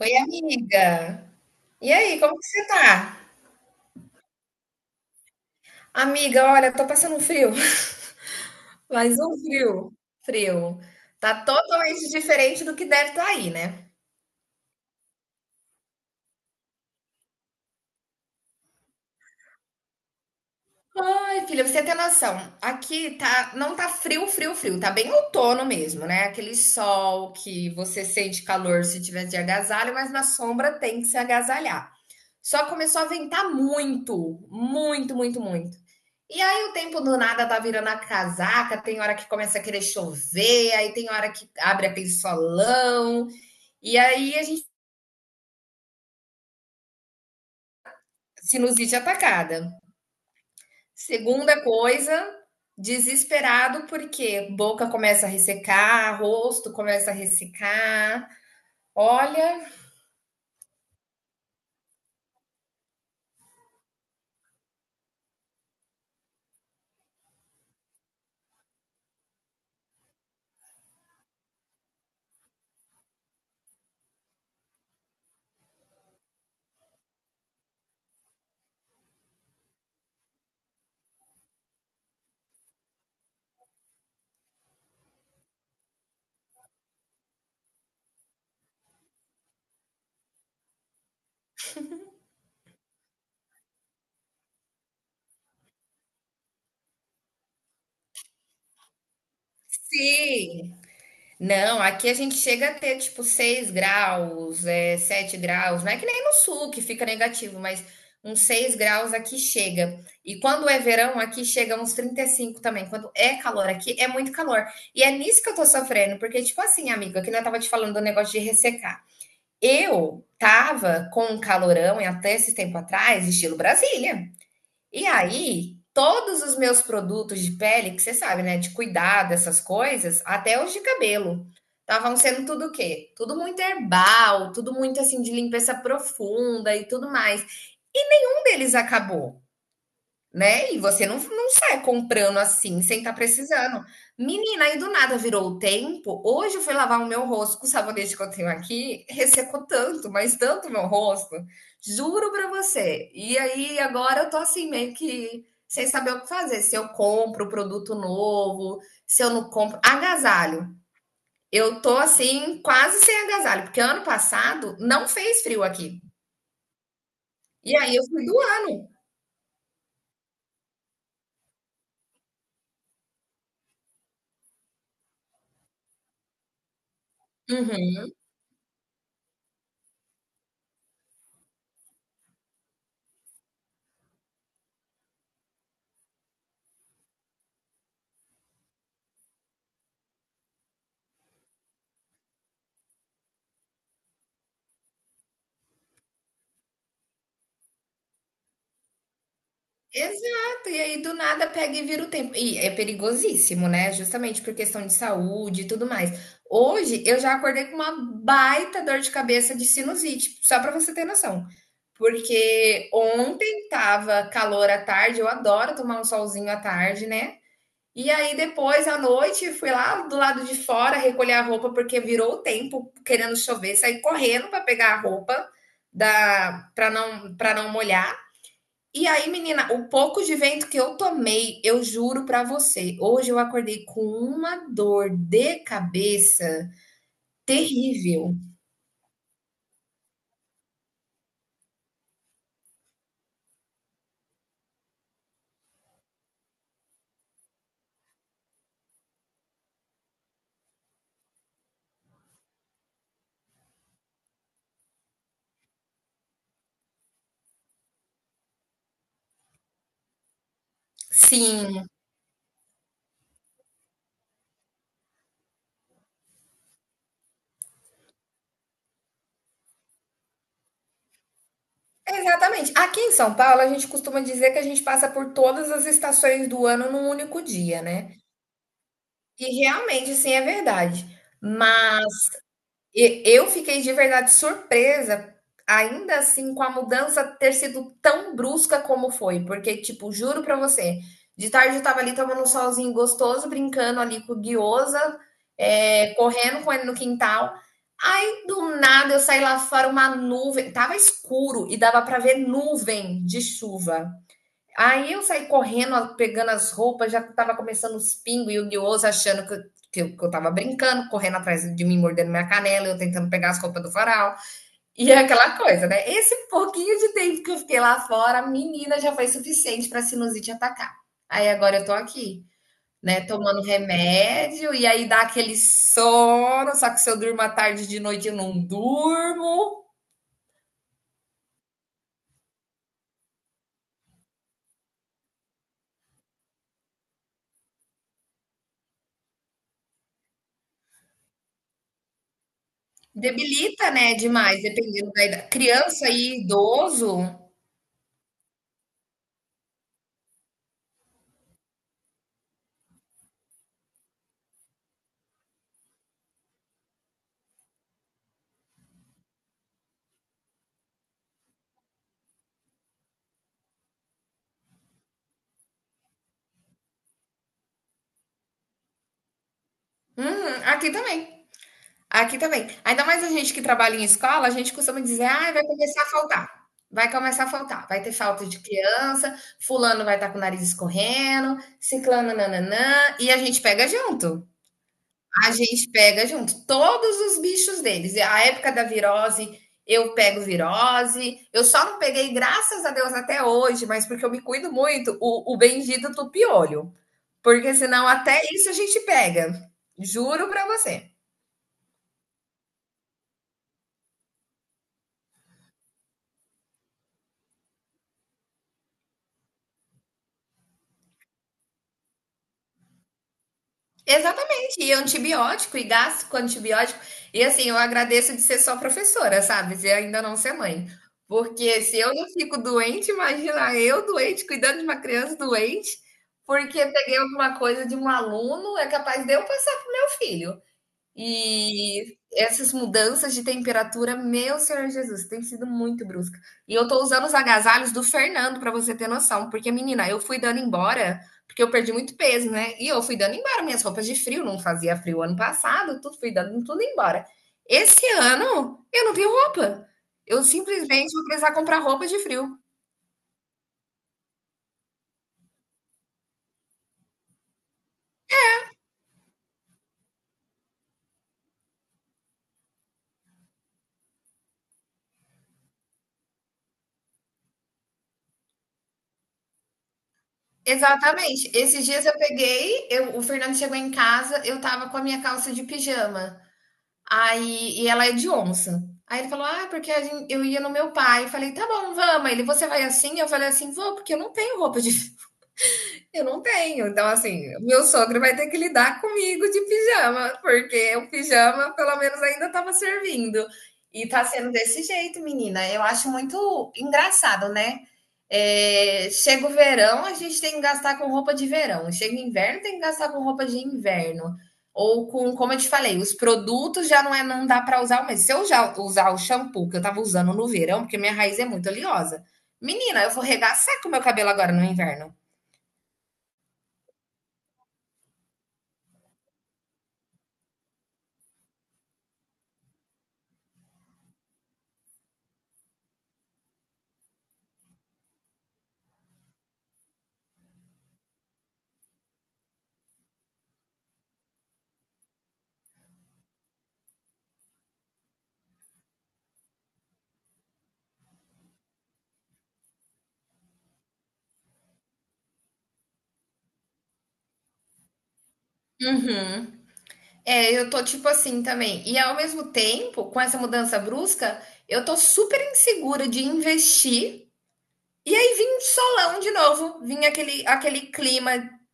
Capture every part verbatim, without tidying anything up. Oi, amiga. E aí, como que você tá? Amiga, olha, tô passando um frio, mas um frio, frio. Tá totalmente diferente do que deve estar aí, né? Ai, filha, você tem noção. Aqui tá, não tá frio, frio, frio. Tá bem outono mesmo, né? Aquele sol que você sente calor se tiver de agasalho, mas na sombra tem que se agasalhar. Só começou a ventar muito, muito, muito, muito. E aí o tempo do nada tá virando a casaca, tem hora que começa a querer chover, aí tem hora que abre aquele solão, e aí a gente sinusite atacada. Segunda coisa, desesperado porque boca começa a ressecar, rosto começa a ressecar. Olha, sim, não, aqui a gente chega a ter tipo seis graus, é, sete graus. Não é que nem no sul que fica negativo, mas uns seis graus aqui chega. E quando é verão, aqui chega uns trinta e cinco também. Quando é calor aqui, é muito calor. E é nisso que eu tô sofrendo, porque, tipo assim, amiga, que não tava te falando do negócio de ressecar. Eu tava com um calorão e até esse tempo atrás, estilo Brasília. E aí, todos os meus produtos de pele, que você sabe, né, de cuidado, essas coisas, até os de cabelo, estavam sendo tudo o quê? Tudo muito herbal, tudo muito assim de limpeza profunda e tudo mais. E nenhum deles acabou, né? E você não, não sai comprando assim, sem estar precisando. Menina, aí do nada virou o tempo. Hoje eu fui lavar o meu rosto com o sabonete que eu tenho aqui, ressecou tanto, mas tanto o meu rosto. Juro pra você. E aí agora eu tô assim, meio que sem saber o que fazer. Se eu compro produto novo, se eu não compro. Agasalho. Eu tô assim, quase sem agasalho, porque ano passado não fez frio aqui. E aí eu fui do ano. Uhum. Exato, e aí do nada pega e vira o tempo. E é perigosíssimo, né? Justamente por questão de saúde e tudo mais. Hoje eu já acordei com uma baita dor de cabeça de sinusite, só para você ter noção. Porque ontem tava calor à tarde, eu adoro tomar um solzinho à tarde, né? E aí depois à noite fui lá do lado de fora recolher a roupa porque virou o tempo, querendo chover, saí correndo para pegar a roupa da para não para não molhar. E aí, menina, o pouco de vento que eu tomei, eu juro pra você, hoje eu acordei com uma dor de cabeça terrível. Sim, exatamente. Aqui em São Paulo, a gente costuma dizer que a gente passa por todas as estações do ano num único dia, né? E realmente, assim, é verdade. E eu fiquei de verdade surpresa, ainda assim, com a mudança ter sido tão brusca como foi, porque, tipo, juro pra você, de tarde eu tava ali tomando um solzinho gostoso, brincando ali com o guiosa, eh, correndo com ele no quintal. Aí, do nada, eu saí lá fora, uma nuvem, tava escuro e dava pra ver nuvem de chuva. Aí eu saí correndo, pegando as roupas, já estava começando os pingos e o guioso achando que eu, que, eu, que eu tava brincando, correndo atrás de mim, mordendo minha canela, eu tentando pegar as roupas do farol. E é aquela coisa, né? Esse um pouquinho de tempo que eu fiquei lá fora, a menina já foi suficiente pra sinusite atacar. Aí agora eu tô aqui, né, tomando remédio, e aí dá aquele sono, só que se eu durmo à tarde de noite eu não durmo. Debilita, né, demais, dependendo da idade. Criança e idoso. Uhum, aqui também. Aqui também. Ainda mais a gente que trabalha em escola, a gente costuma dizer, ah, vai começar a faltar. Vai começar a faltar. Vai ter falta de criança, fulano vai estar com o nariz escorrendo, ciclano nananã, e a gente pega junto. A gente pega junto todos os bichos deles. E a época da virose, eu pego virose. Eu só não peguei, graças a Deus, até hoje, mas porque eu me cuido muito, o, o bendito tupiolho. Porque senão até isso a gente pega. Juro pra você. Exatamente, e antibiótico, e gasto com antibiótico. E assim, eu agradeço de ser só professora, sabe? De ainda não ser mãe. Porque se eu não fico doente, imagina eu doente, cuidando de uma criança doente, porque peguei alguma coisa de um aluno, é capaz de eu passar para o meu filho. E essas mudanças de temperatura, meu Senhor Jesus, tem sido muito brusca. E eu tô usando os agasalhos do Fernando para você ter noção, porque menina, eu fui dando embora, porque eu perdi muito peso, né? E eu fui dando embora minhas roupas de frio, não fazia frio ano passado, tudo fui dando tudo embora. Esse ano eu não tenho roupa. Eu simplesmente vou precisar comprar roupa de frio. Exatamente. Esses dias eu peguei, eu- o Fernando chegou em casa, eu tava com a minha calça de pijama. Aí, e ela é de onça. Aí ele falou: Ah, porque a gen- eu ia no meu pai. Eu falei: Tá bom, vamos. Ele, você vai assim? Eu falei assim: Vou, porque eu não tenho roupa de, eu não tenho. Então, assim, meu sogro vai ter que lidar comigo de pijama, porque o pijama, pelo menos, ainda estava servindo. E tá sendo desse jeito, menina. Eu acho muito engraçado, né? É, chega o verão, a gente tem que gastar com roupa de verão. Chega o inverno, tem que gastar com roupa de inverno. Ou com, como eu te falei, os produtos já não é, não dá para usar. Mas se eu já usar o shampoo que eu tava usando no verão, porque minha raiz é muito oleosa. Menina, eu vou regaçar com o meu cabelo agora no inverno. Uhum. É, eu tô tipo assim também. E ao mesmo tempo, com essa mudança brusca, eu tô super insegura de investir. E aí vim um solão de novo, vim aquele, aquele clima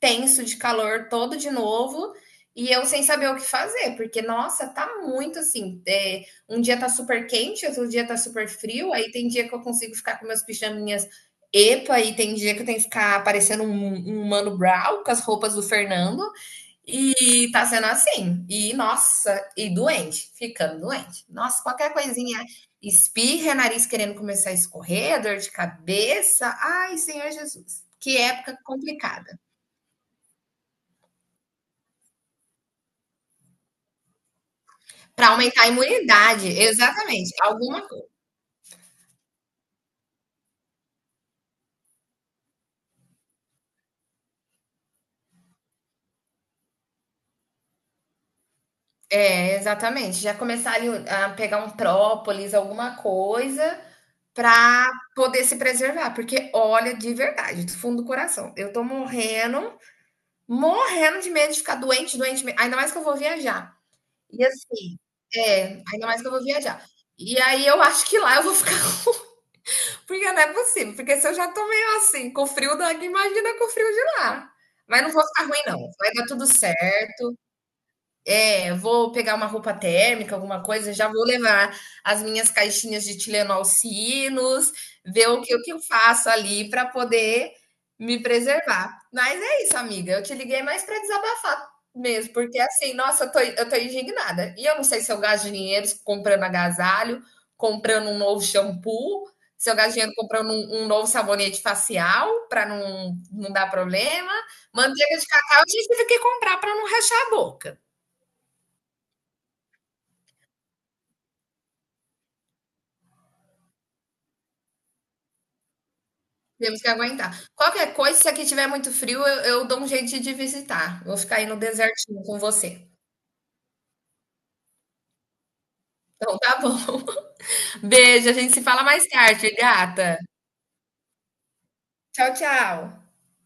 tenso de calor todo de novo. E eu sem saber o que fazer, porque, nossa, tá muito assim. É, um dia tá super quente, outro dia tá super frio. Aí tem dia que eu consigo ficar com meus pijaminhas epa, e tem dia que eu tenho que ficar parecendo um, um Mano Brown com as roupas do Fernando. E tá sendo assim. E nossa, e doente, ficando doente. Nossa, qualquer coisinha, espirra, nariz querendo começar a escorrer, dor de cabeça. Ai, Senhor Jesus. Que época complicada. Para aumentar a imunidade, exatamente. Alguma coisa. É, exatamente. Já começar ali a pegar um própolis, alguma coisa, para poder se preservar. Porque, olha, de verdade, do fundo do coração, eu tô morrendo, morrendo de medo de ficar doente, doente. me- Ainda mais que eu vou viajar. E assim é, ainda mais que eu vou viajar. E aí eu acho que lá eu vou ficar porque não é possível, porque se eu já tô meio assim, com o frio daqui, imagina com o frio de lá. Mas não vou ficar ruim não, vai dar tudo certo. É, vou pegar uma roupa térmica, alguma coisa, já vou levar as minhas caixinhas de Tilenol Sinos, ver o que, o que eu faço ali para poder me preservar. Mas é isso, amiga. Eu te liguei mais para desabafar mesmo, porque assim, nossa, eu tô, eu tô indignada. E eu não sei se eu gasto dinheiro comprando agasalho, comprando um novo shampoo, se eu gasto dinheiro comprando um, um novo sabonete facial para não, não dar problema. Manteiga de cacau, a gente teve que comprar para não rachar a boca. Temos que aguentar. Qualquer coisa, se aqui tiver muito frio, eu, eu dou um jeito de te visitar. Vou ficar aí no desertinho com você. Então tá bom. Beijo, a gente se fala mais tarde, gata. Tchau, tchau.